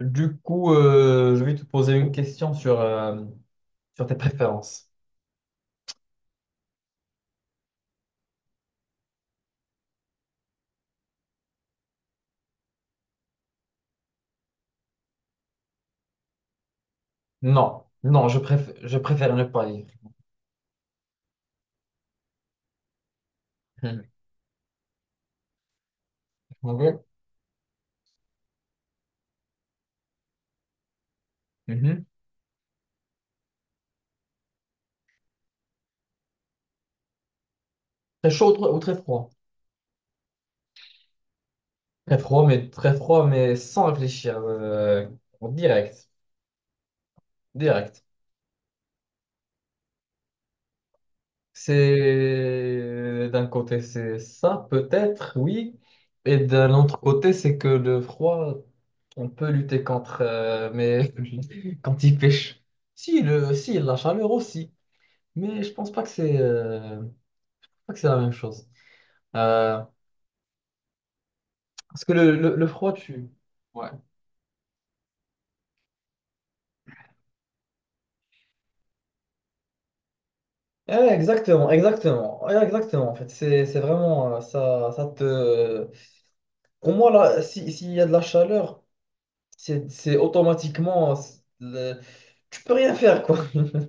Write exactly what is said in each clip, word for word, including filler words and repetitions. Du coup, euh, je vais te poser une question sur, euh, sur tes préférences. Non, non, je préfère, je préfère ne pas lire. Hmm. Ok. Mhm. Très chaud ou tr- ou très froid? Très froid, mais très froid, mais sans réfléchir. Euh, en direct, direct. C'est d'un côté, c'est ça, peut-être, oui. Et d'un autre côté, c'est que le froid, on peut lutter contre, euh, mais quand il pêche. Si, le, si, la chaleur aussi. Mais je pense pas que c'est euh, pas que c'est la même chose. Euh, Parce que le, le, le froid, tu... Ouais. Eh ouais, exactement, exactement, ouais, exactement. En fait, c'est c'est vraiment euh, ça, ça te. Pour moi, là, si, s'il y a de la chaleur, c'est c'est automatiquement. Euh, c'est le- Tu peux rien faire, quoi.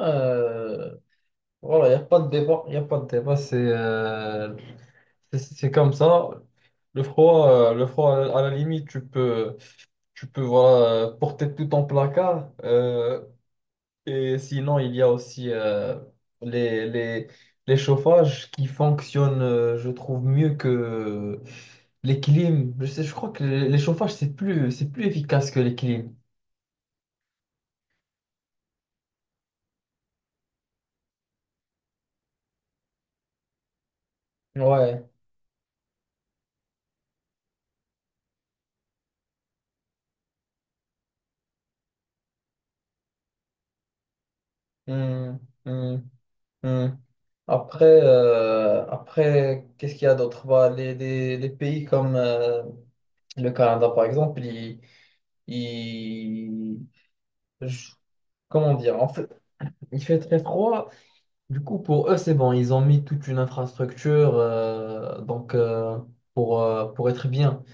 Euh, Voilà, il n'y a pas de débat, il a pas de débat, c'est euh, c'est c'est comme ça. Le froid, euh, le froid, à la à la limite, tu peux, tu peux voilà, euh, porter tout ton placard. Euh, et sinon, il y a aussi euh, les, les, les chauffages qui fonctionnent, euh, je trouve, mieux que les clims. Je sais, je crois que les les chauffages, c'est plus, c'est plus efficace que les clims. Ouais. Hmm, hmm. Hmm. Après, euh, après qu'est-ce qu'il y a d'autre? Bah, les, les- les pays comme euh, le Canada, par exemple, il, il- je- comment dire? En fait, il fait très froid. Du coup, pour eux, c'est bon. Ils ont mis toute une infrastructure euh, donc, euh, pour, euh, pour être bien.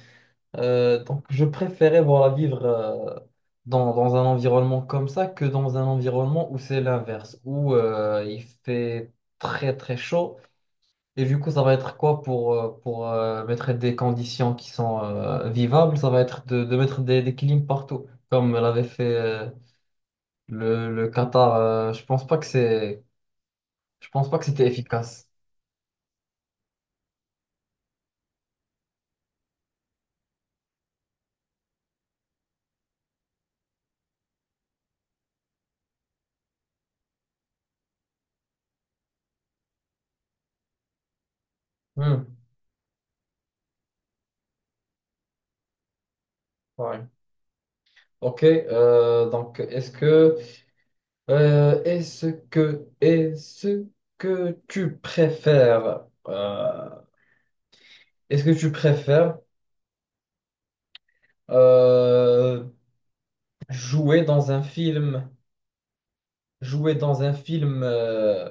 Euh, donc, je préférais voilà, vivre euh, dans, dans un environnement comme ça que dans un environnement où c'est l'inverse, où euh, il fait très, très chaud. Et du coup, ça va être quoi pour, euh, pour euh, mettre des conditions qui sont euh, vivables? Ça va être de, de mettre des, des clim partout, comme l'avait fait euh, le, le Qatar. Euh, je pense pas que c'est, je pense pas que c'était efficace. Hmm, ouais. Ok, euh, donc est-ce que, euh, est-ce que, est-ce que tu préfères, euh, est-ce que tu préfères euh, jouer dans un film, jouer dans un film. euh,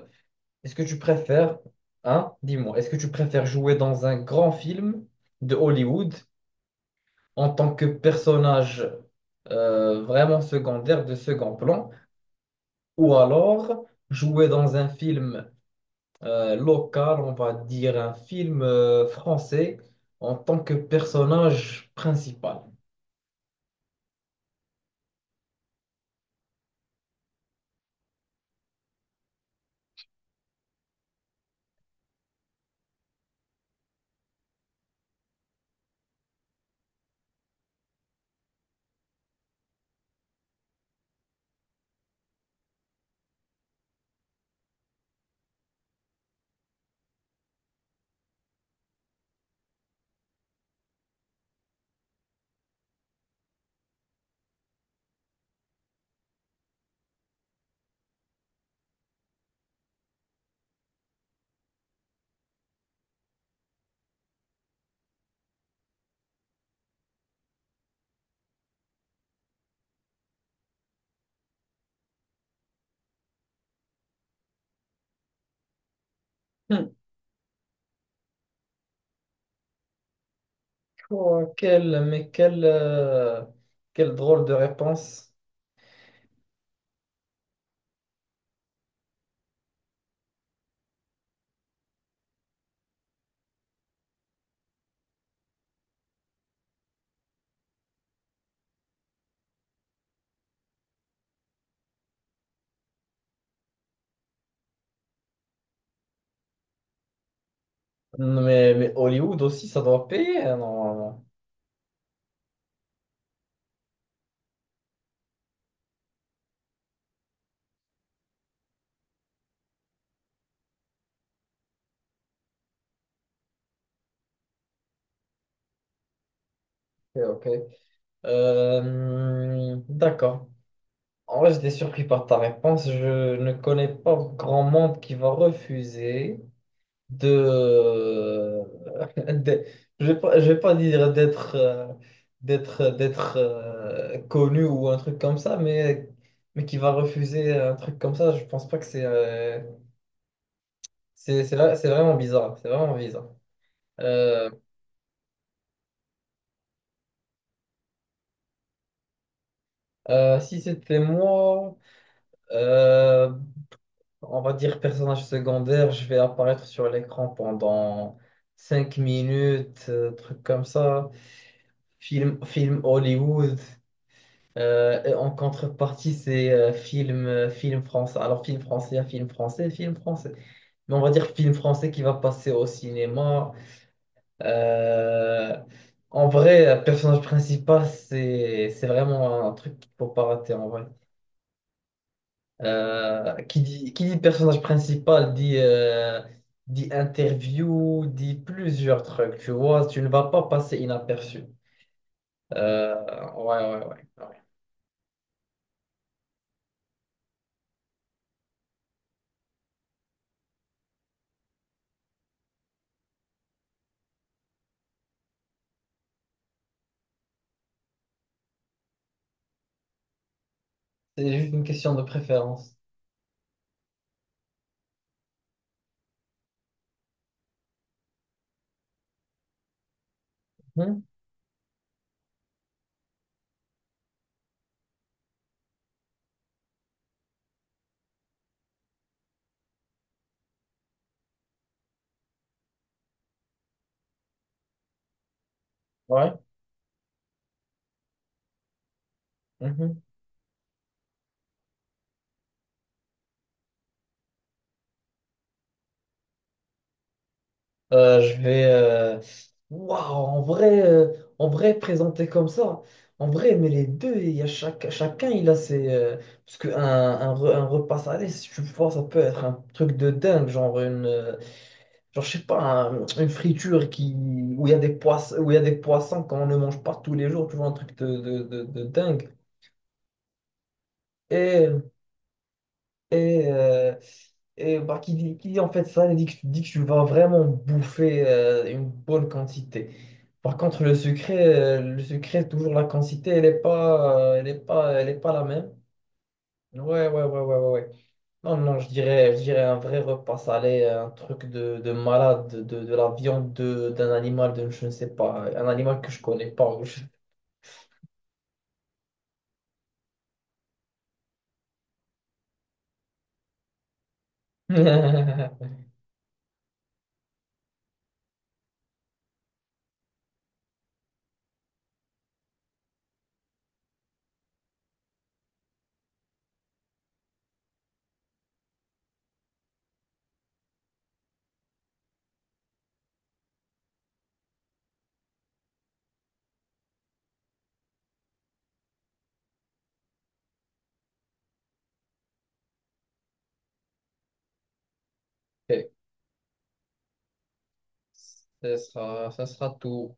Est-ce que tu préfères, hein, dis-moi, est-ce que tu préfères jouer dans un grand film de Hollywood en tant que personnage euh, vraiment secondaire de second plan, ou alors jouer dans un film euh, local, on va dire un film euh, français en tant que personnage principal? Hmm. Oh, quel, mais quel, euh, quelle drôle de réponse. Mais, mais Hollywood aussi, ça doit payer, hein, normalement. Ok, ok. Euh, d'accord. En vrai, j'étais surpris par ta réponse. Je ne connais pas grand monde qui va refuser de... de- Je vais pas, je vais pas dire d'être euh, d'être d'être euh, connu ou un truc comme ça, mais mais qui va refuser un truc comme ça. Je pense pas que c'est euh, c'est c'est vra- c'est vraiment bizarre. C'est vraiment bizarre. Euh, euh, Si c'était moi. euh, On va dire personnage secondaire, je vais apparaître sur l'écran pendant cinq minutes, euh, truc comme ça. Film, film Hollywood. Euh, et en contrepartie, c'est euh, film, euh, film français. Alors, film français, film français, film français. Mais on va dire film français qui va passer au cinéma. Euh, en vrai, personnage principal, c'est, c'est vraiment un truc qu'il faut pas rater en vrai. Euh, qui dit, qui dit personnage principal dit, euh, dit interview, dit plusieurs trucs, tu vois, tu ne vas pas passer inaperçu. Euh, ouais, ouais, ouais, ouais. C'est juste une question de préférence. Mhm, ouais. Mhm. Euh, je vais. Euh, Waouh, en vrai, euh, en vrai, présenté comme ça. En vrai, mais les deux, il y a chaque, chacun, il a ses. Euh, parce qu'un un, un re- un repas salé, si tu vois, ça peut être un truc de dingue, genre une. Euh, genre, je sais pas, un- une friture qui, où il y a des poissons, où il y a des poissons qu'on ne mange pas tous les jours, tu vois, un truc de, de, de, de dingue. Et Et, euh, et bah, qui dit, qui dit en fait ça, il dit que, dit que tu vas vraiment bouffer euh, une bonne quantité. Par contre, le sucré, euh, le sucré, toujours la quantité, elle n'est pas, euh, elle est pas, elle est pas la même. Ouais, ouais, ouais, ouais, ouais, ouais. Non, non, je dirais, je dirais un vrai repas salé, euh, un truc de, de malade, de, de, la viande de- d'un animal, de, je ne sais pas, un animal que je connais pas. Ou je- Ok, ce sera, ce sera tout.